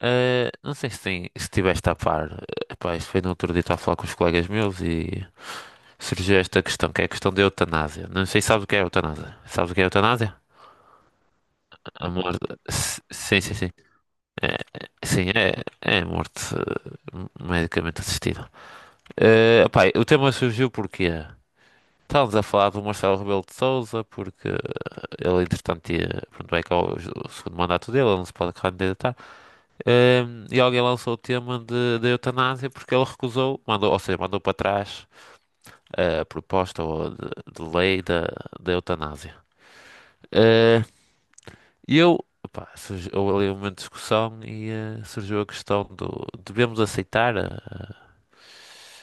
Não sei se, tem, se estiveste a par. Epá, isto foi no outro dia, estava a falar com os colegas meus e surgiu esta questão, que é a questão da eutanásia. Não sei se sabes o que é eutanásia. Sabes o que é eutanásia? A morte. Sim, sim, sim. Sim, é a morte, medicamente assistida. Epá, o tema surgiu porque estávamos a falar do Marcelo Rebelo de Sousa, porque ele, entretanto, ia, pronto, vai acabar o segundo mandato dele, ele não se pode candidatar. E alguém lançou o tema de, da eutanásia porque ele recusou, mandou, ou seja, mandou para trás a proposta ou de lei da, da eutanásia. Ah, E eu, opá, houve ali uma discussão e, surgiu a questão do devemos aceitar a-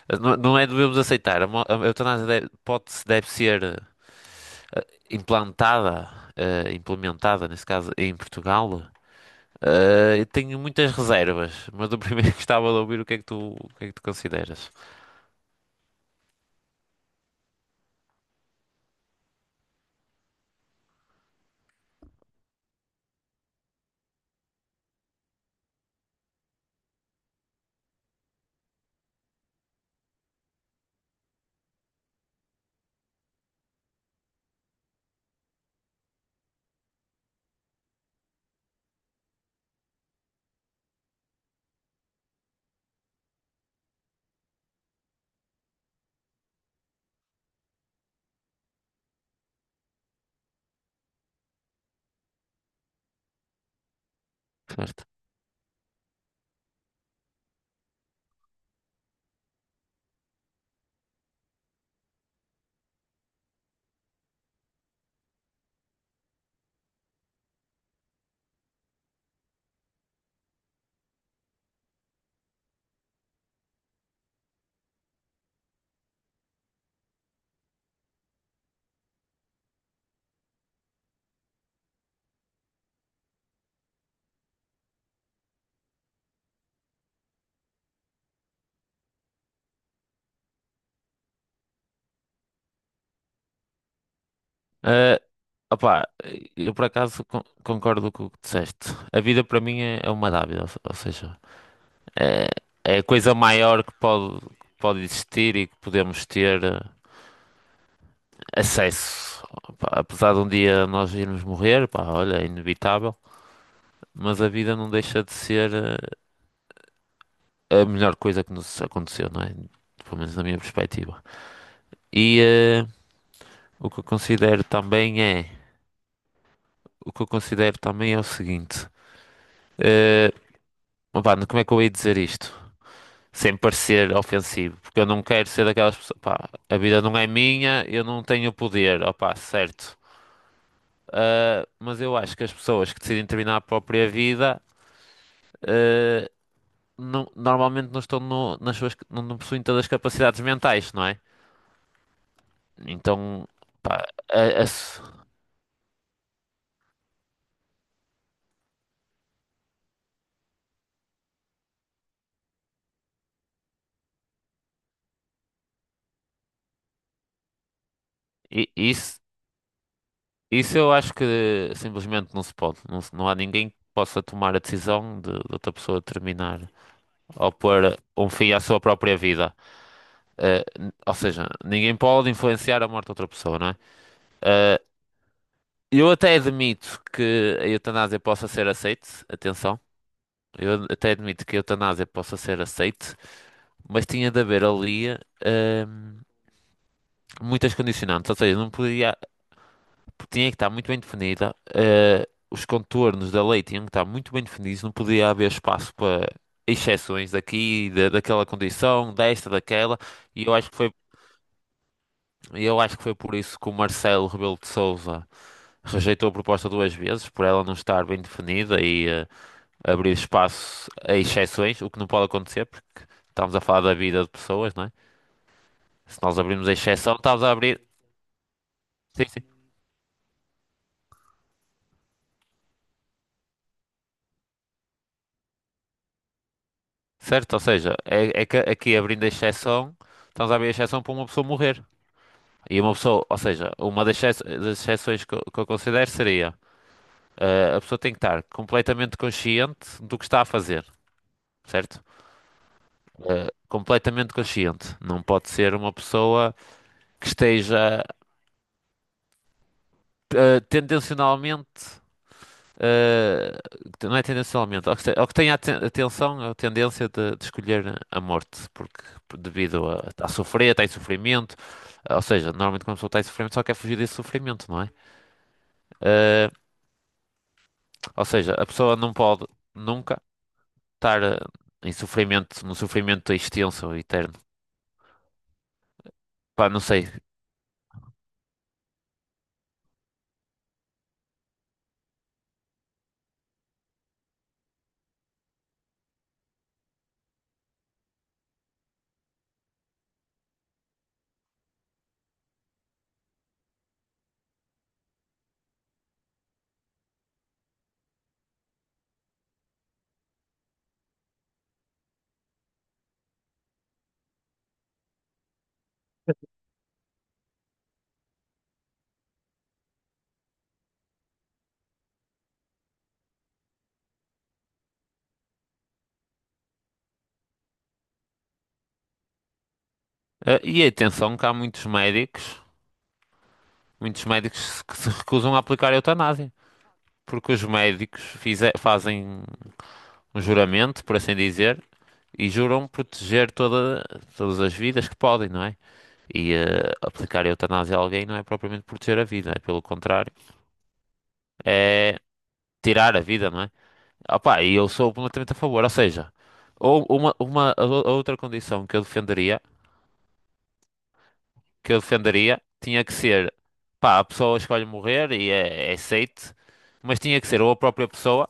a- não, não é devemos aceitar, a, a eutanásia deve, pode, deve ser, ah, implantada, ah, implementada, nesse caso, em Portugal. Ah, eu tenho muitas reservas, mas eu primeiro gostava de ouvir o que é que tu, o que é que tu consideras. Certo. Eh, Opá, eu por acaso concordo com o que disseste. A vida para mim é, é uma dádiva, ou ou seja, é, é a coisa maior que pode existir e que podemos ter, acesso. Opá, apesar de um dia nós irmos morrer, pá, olha, é inevitável, mas a vida não deixa de ser, a melhor coisa que nos aconteceu, não é? Pelo menos na minha perspectiva. E, o que eu considero também é, o que eu considero também é o seguinte. ah, Pá, como é que eu ia dizer isto? Sem parecer ofensivo, porque eu não quero ser daquelas pessoas. Pá, a vida não é minha, eu não tenho poder, opá, certo. Ah, mas eu acho que as pessoas que decidem terminar a própria vida, ah, normalmente não estão nas suas, não, não possuem todas as capacidades mentais, não é? Então, pá, a- a s- isso, isso eu acho que simplesmente não se pode. Não, não há ninguém que possa tomar a decisão de outra pessoa terminar ou pôr um fim à sua própria vida. Eh, ou seja, ninguém pode influenciar a morte de outra pessoa, não é? Eh, eu até admito que a eutanásia possa ser aceite, atenção, eu até admito que a eutanásia possa ser aceite, mas tinha de haver ali, ehm, muitas condicionantes, ou seja, não podia, tinha que estar muito bem definida, eh, os contornos da lei tinham que estar muito bem definidos, não podia haver espaço para exceções daqui, daquela condição, desta, daquela, e eu acho que foi, eu acho que foi por isso que o Marcelo Rebelo de Sousa rejeitou a proposta duas vezes por ela não estar bem definida e, abrir espaço a exceções, o que não pode acontecer, porque estamos a falar da vida de pessoas, não é? Se nós abrirmos a exceção, estamos a abrir. Sim, sim. Certo? Ou seja, é, é que aqui abrindo a exceção, estamos a abrir a exceção para uma pessoa morrer. E uma pessoa, ou seja, uma das das exceções que eu considero seria, a pessoa tem que estar completamente consciente do que está a fazer, certo? Completamente consciente. Não pode ser uma pessoa que esteja, tendencionalmente, eh, não é tendencionalmente, ao que tem a atenção, a tendência de escolher a morte, porque devido a sofrer, está em sofrimento, ou seja, normalmente quando a pessoa está em sofrimento só quer fugir desse sofrimento, não é? Eh, ou seja, a pessoa não pode nunca estar, em sofrimento, num sofrimento extenso e eterno. Pá, não sei. E atenção que há muitos médicos que se recusam a aplicar a eutanásia. Porque os médicos fazem um juramento, por assim dizer, e juram proteger toda, todas as vidas que podem, não é? E, aplicar a eutanásia a alguém não é propriamente proteger a vida, é pelo contrário, é tirar a vida, não é? Opa, e eu sou completamente a favor, ou seja, ou uma a a outra condição que eu defenderia, tinha que ser, pá, a pessoa escolhe morrer e é, é aceite, mas tinha que ser ou a própria pessoa,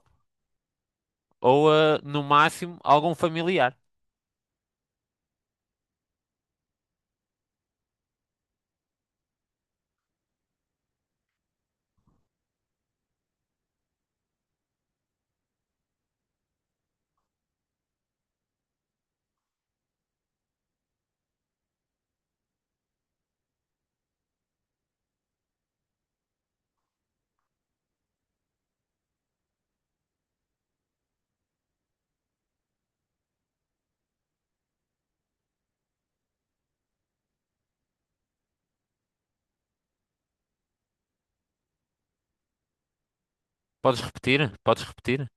ou, no máximo algum familiar. Podes repetir? Podes repetir?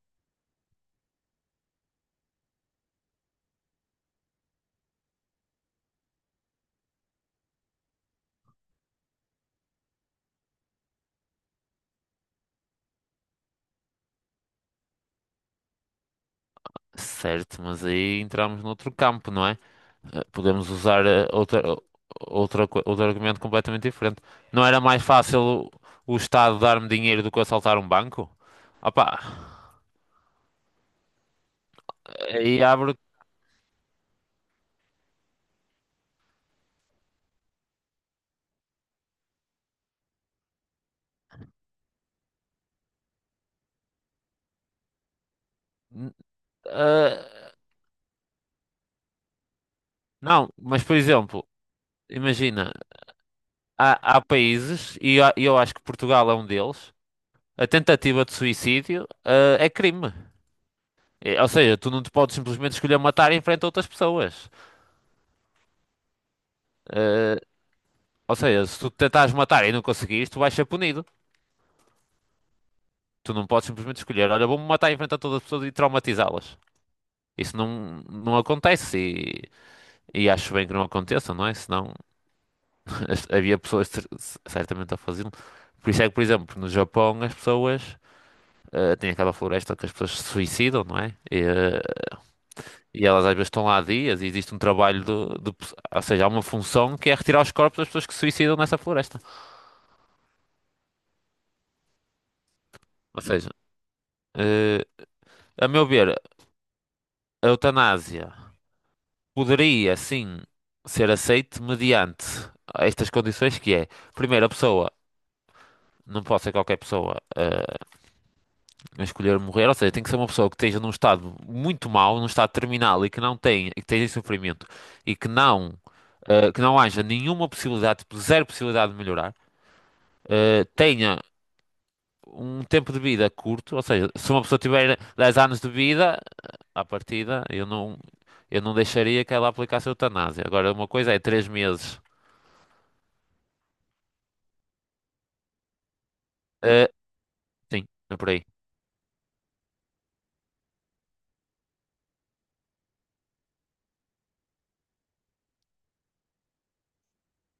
Certo, mas aí entramos noutro campo, não é? Podemos usar, outra, outra, outro argumento completamente diferente. Não era mais fácil o Estado dar-me dinheiro do que assaltar um banco? Opa, aí abre. n- eh, não, mas por exemplo, imagina, há, há países, e eu acho que Portugal é um deles, a tentativa de suicídio, é crime. Ou seja, tu não te podes simplesmente escolher matar em frente a outras pessoas. Eh, Ou seja, se tu tentares matar e não conseguires, tu vais ser punido. Tu não podes simplesmente escolher, olha, vou-me matar em frente a todas as pessoas e traumatizá-las. Isso não, não acontece, e acho bem que não aconteça, não é? Senão havia pessoas certamente a fazê-lo. Por isso é que, por exemplo, no Japão as pessoas, têm aquela floresta que as pessoas se suicidam, não é? E, eh, e elas às vezes estão lá há dias e existe um trabalho de ou seja, há uma função que é retirar os corpos das pessoas que se suicidam nessa floresta. Ou seja, eh, a meu ver, a eutanásia poderia sim ser aceito mediante estas condições, que é, primeiro, a pessoa, não pode ser qualquer pessoa, a escolher morrer, ou seja, tem que ser uma pessoa que esteja num estado muito mau, num estado terminal, e que não tem, e que esteja em sofrimento e que não, que não haja nenhuma possibilidade, tipo, zero possibilidade de melhorar, tenha um tempo de vida curto, ou seja, se uma pessoa tiver 10 anos de vida, eh, à partida, eu não deixaria que ela aplicasse a eutanásia. Agora, uma coisa é 3 meses. eh, Sim, é por aí.